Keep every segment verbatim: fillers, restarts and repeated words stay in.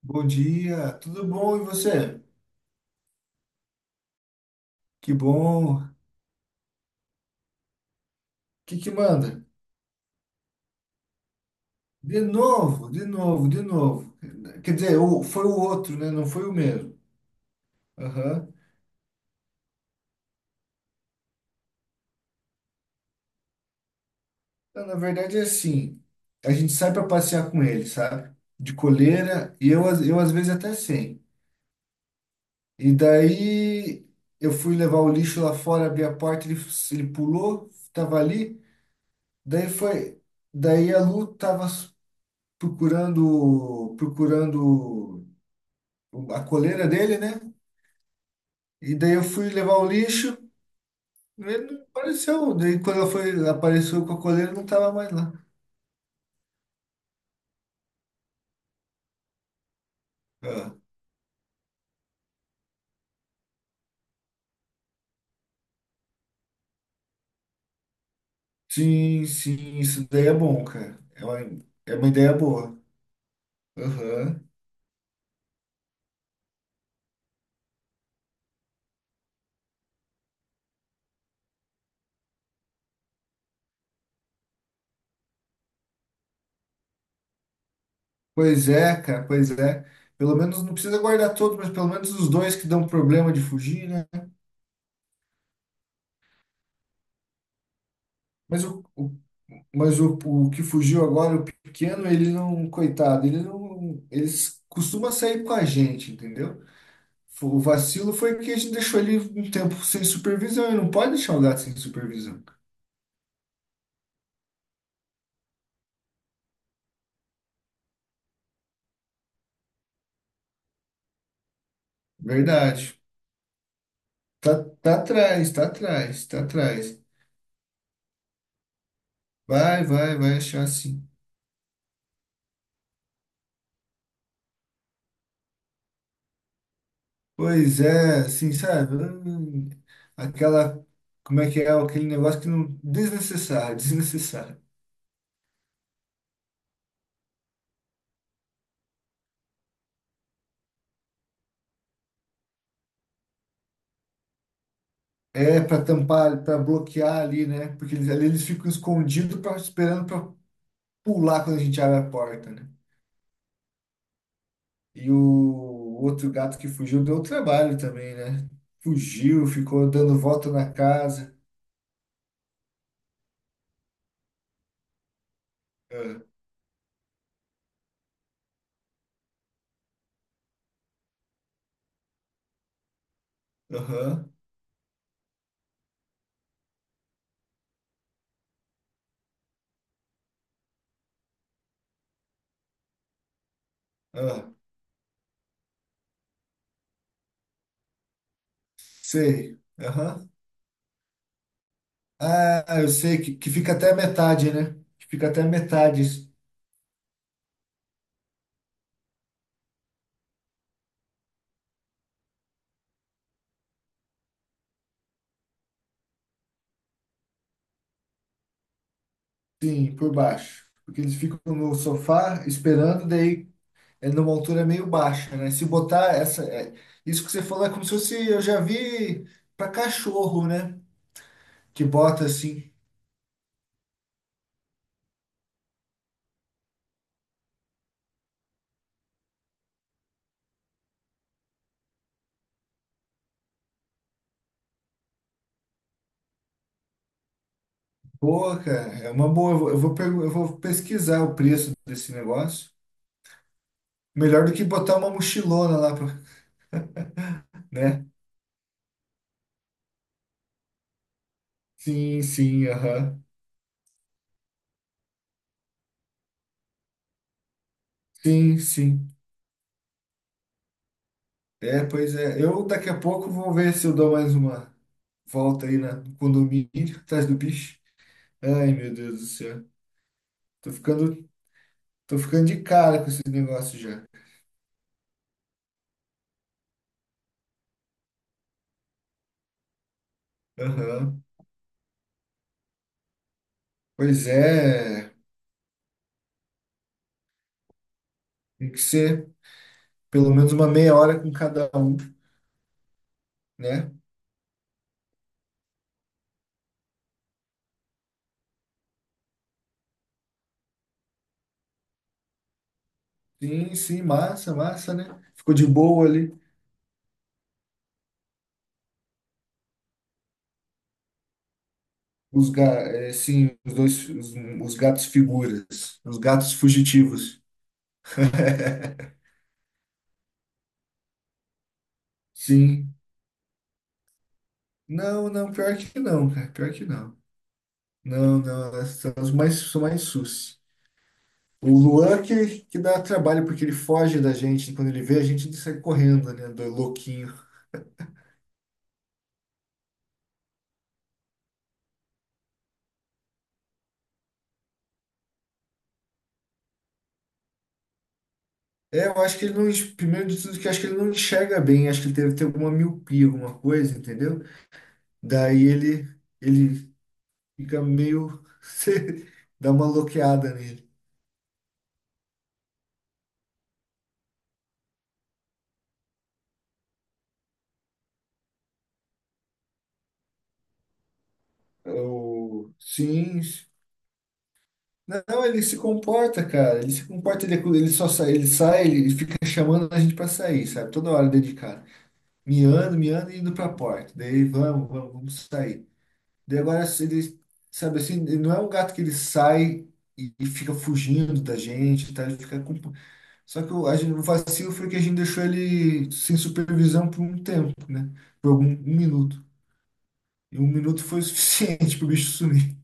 Bom dia, tudo bom e você? Que bom. O que que manda? De novo, de novo, de novo. Quer dizer, o- foi o outro, né? Não foi o mesmo. Aham. Não, na verdade é assim, a gente sai para passear com ele, sabe? De coleira e eu, às- eu às vezes até sem. E daí eu fui levar o lixo lá fora, abri a porta, ele, f- ele pulou, tava ali. Daí foi, daí a Lu tava s- procurando, procurando o- a coleira dele, né? E daí eu fui levar o lixo, ele não apareceu. Daí quando ela foi, apareceu com a coleira, não tava mais lá. Ah, sim, sim, isso daí é bom, cara. É uma, é uma ideia boa. Aham. Pois é, cara, pois é. Pelo menos não precisa guardar todos, mas pelo menos os dois que dão problema de fugir, né? Mas o, o- mas o, o que fugiu agora, o pequeno, ele não, coitado, ele não, eles costuma sair com a gente, entendeu? O vacilo foi que a gente deixou ele um tempo sem supervisão. E não pode deixar o gato sem supervisão. Verdade. Tá, tá atrás, tá atrás, tá atrás. Vai, vai, vai achar sim. Pois é, assim, sabe? Hum, Aquela. Como é que é? Aquele negócio que não. Desnecessário, desnecessário. É para tampar, para bloquear ali, né? Porque eles, ali eles ficam escondidos, pra, esperando para pular quando a gente abre a porta, né? E o outro gato que fugiu deu trabalho também, né? Fugiu, ficou dando volta na casa. Ah, aham, ah, sei. Aham. Ah, eu sei que, que fica até a metade, né? Que fica até a metade, sim, por baixo. Porque eles ficam no sofá esperando, daí é numa altura meio baixa, né? Se botar essa. É- isso que você falou é como se fosse. Eu já vi pra cachorro, né? Que bota assim. Boa, cara, é uma boa. Eu vou, eu vou pergu- eu vou pesquisar o preço desse negócio. Melhor do que botar uma mochilona lá, pra, né? Sim, sim, aham. Sim, sim. É, pois é. Eu daqui a pouco vou ver se eu dou mais uma volta aí na, no condomínio, atrás do bicho. Ai, meu Deus do céu. Tô ficando, tô ficando de cara com esse negócio já. Aham. Pois é. Tem que ser pelo menos uma meia hora com cada um, né? Sim, sim, massa, massa, né? Ficou de boa ali. Os, ga é, sim, os dois, os, os gatos figuras, os gatos fugitivos. Sim. Não, não, pior que não, cara, pior que não. Não, não, elas são os mais, são mais sus. O Luan que, que dá trabalho, porque ele foge da gente. Quando ele vê, a gente ele sai correndo, né? Do louquinho. É, eu acho que ele não. enx- Primeiro de tudo, que eu acho que ele não enxerga bem. Acho que ele deve ter alguma miopia, alguma coisa, entendeu? Daí ele, ele fica meio. Você dá uma bloqueada nele. É O Sims. Não, ele se comporta, cara. Ele se comporta, ele, ele só sai, ele sai, ele fica chamando a gente pra sair, sabe? Toda hora dedicado. Miando, miando e indo pra porta. Daí vamos, vamos, vamos sair. Daí agora ele, sabe assim, ele não é um gato que ele sai e, e fica fugindo da gente, tá? Ele fica com... Só que o, a gente, o vacilo foi que a gente deixou ele sem supervisão por um tempo, né? Por algum um minuto. E um minuto foi o suficiente pro bicho sumir.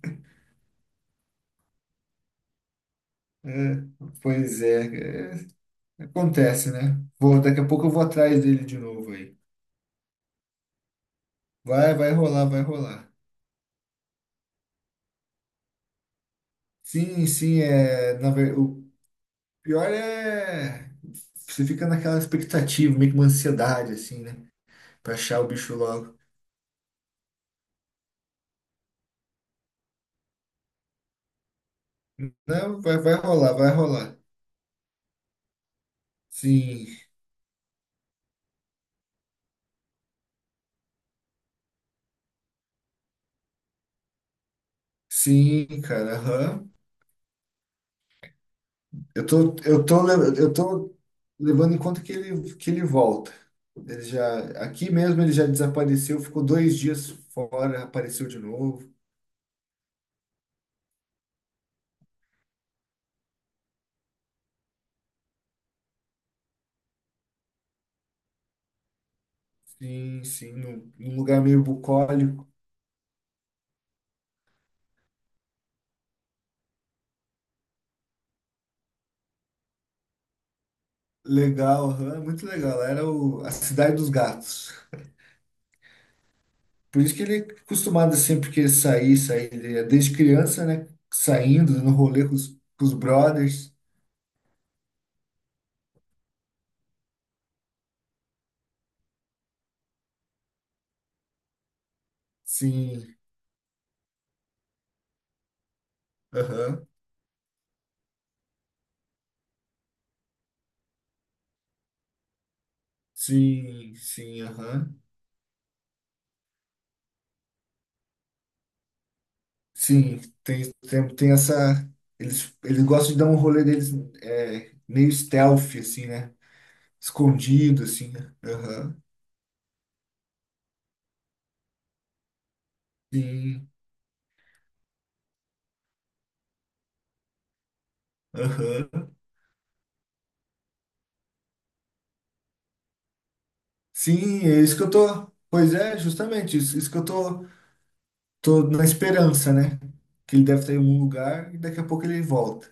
É, pois é, é, acontece, né? Vou, daqui a pouco eu vou atrás dele de novo aí. Vai, vai rolar, vai rolar. Sim, sim, é, na ver- o pior é você fica naquela expectativa, meio que uma ansiedade assim, né? Pra achar o bicho logo. Não, vai, vai rolar, vai rolar. Sim, sim, cara, aham. Eu tô, eu tô, le- eu tô levando em conta que ele, que ele volta. Ele já, aqui mesmo ele já desapareceu, ficou dois dias fora, apareceu de novo. Sim, sim, num, num lugar meio bucólico. Legal, aham, é muito legal. Era o, a Cidade dos Gatos. Por isso que ele é acostumado sempre que ele sair, sair. Ele é desde criança, né? Saindo no rolê com os, com os brothers. Sim, aham. Sim, sim, aham. Sim, tem, tem, tem essa. Eles, eles gostam de dar um rolê deles é, meio stealth, assim, né? Escondido, assim, né? Aham. Sim, aham. Sim, é isso que eu tô. Pois é, justamente, isso, isso que eu tô, tô na esperança, né? Que ele deve estar em algum lugar e daqui a pouco ele volta.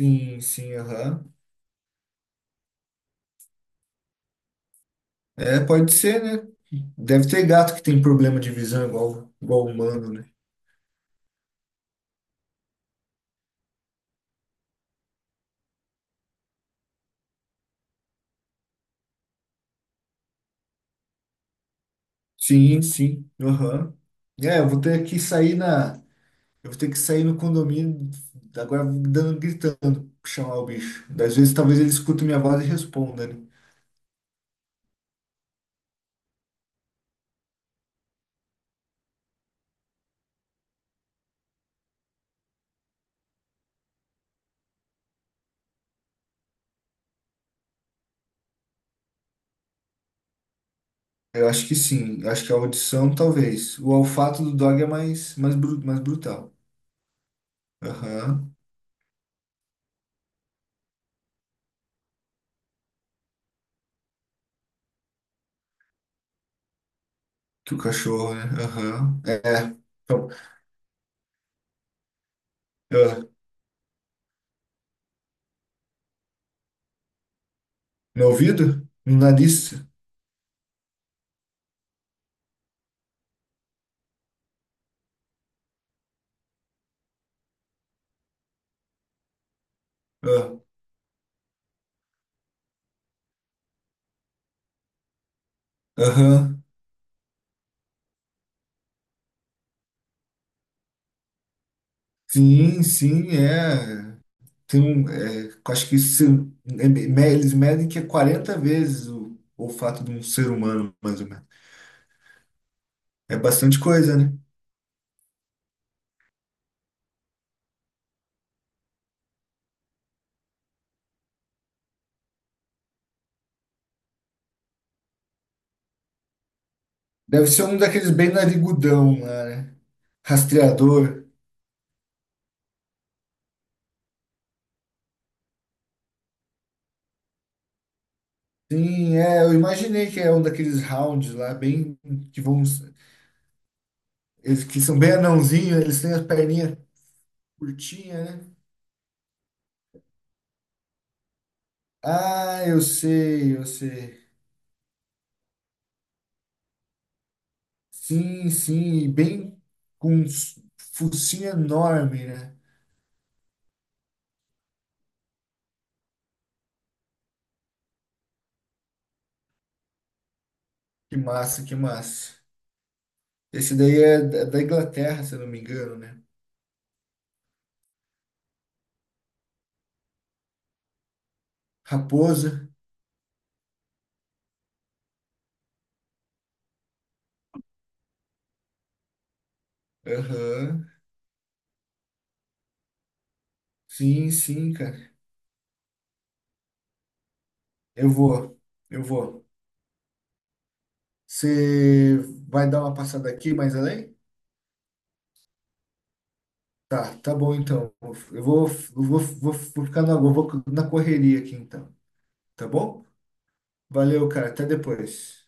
Sim, sim, aham. É, pode ser, né? Deve ter gato que tem problema de visão igual, igual humano, né? Sim, sim, aham. É, eu vou ter que sair na. Eu vou ter que sair no condomínio, agora dando, gritando, chamar o bicho. Às vezes, talvez ele escute minha voz e responda, né? Eu acho que sim, eu acho que a audição, talvez. O olfato do dog é mais, mais, bru- mais brutal. Aham. Que o cachorro, né? Aham. É. É. Então, ah, no ouvido? No nariz? Ah, aham, sim, sim, é. Tem um, é, eu acho que se- é- me- eles medem que é quarenta vezes o olfato de um ser humano, mais ou menos. É bastante coisa, né? Deve ser um daqueles bem narigudão lá, né? Rastreador. Sim, é, eu imaginei que é um daqueles rounds lá, bem que vão. Eles que são bem anãozinhos, eles têm as perninhas curtinhas, né? Ah, eu sei, eu sei. Sim, sim, e bem com um s- focinho enorme, né? Que massa, que massa. Esse daí é da é da Inglaterra, se eu não me engano, né? Raposa. Aham. Sim, sim, cara. Eu vou, eu vou. Você vai dar uma passada aqui mais além? Tá, tá bom então. Eu vou, eu vou, vou, vou ficar na, eu vou na correria aqui então, tá bom? Valeu, cara. Até depois.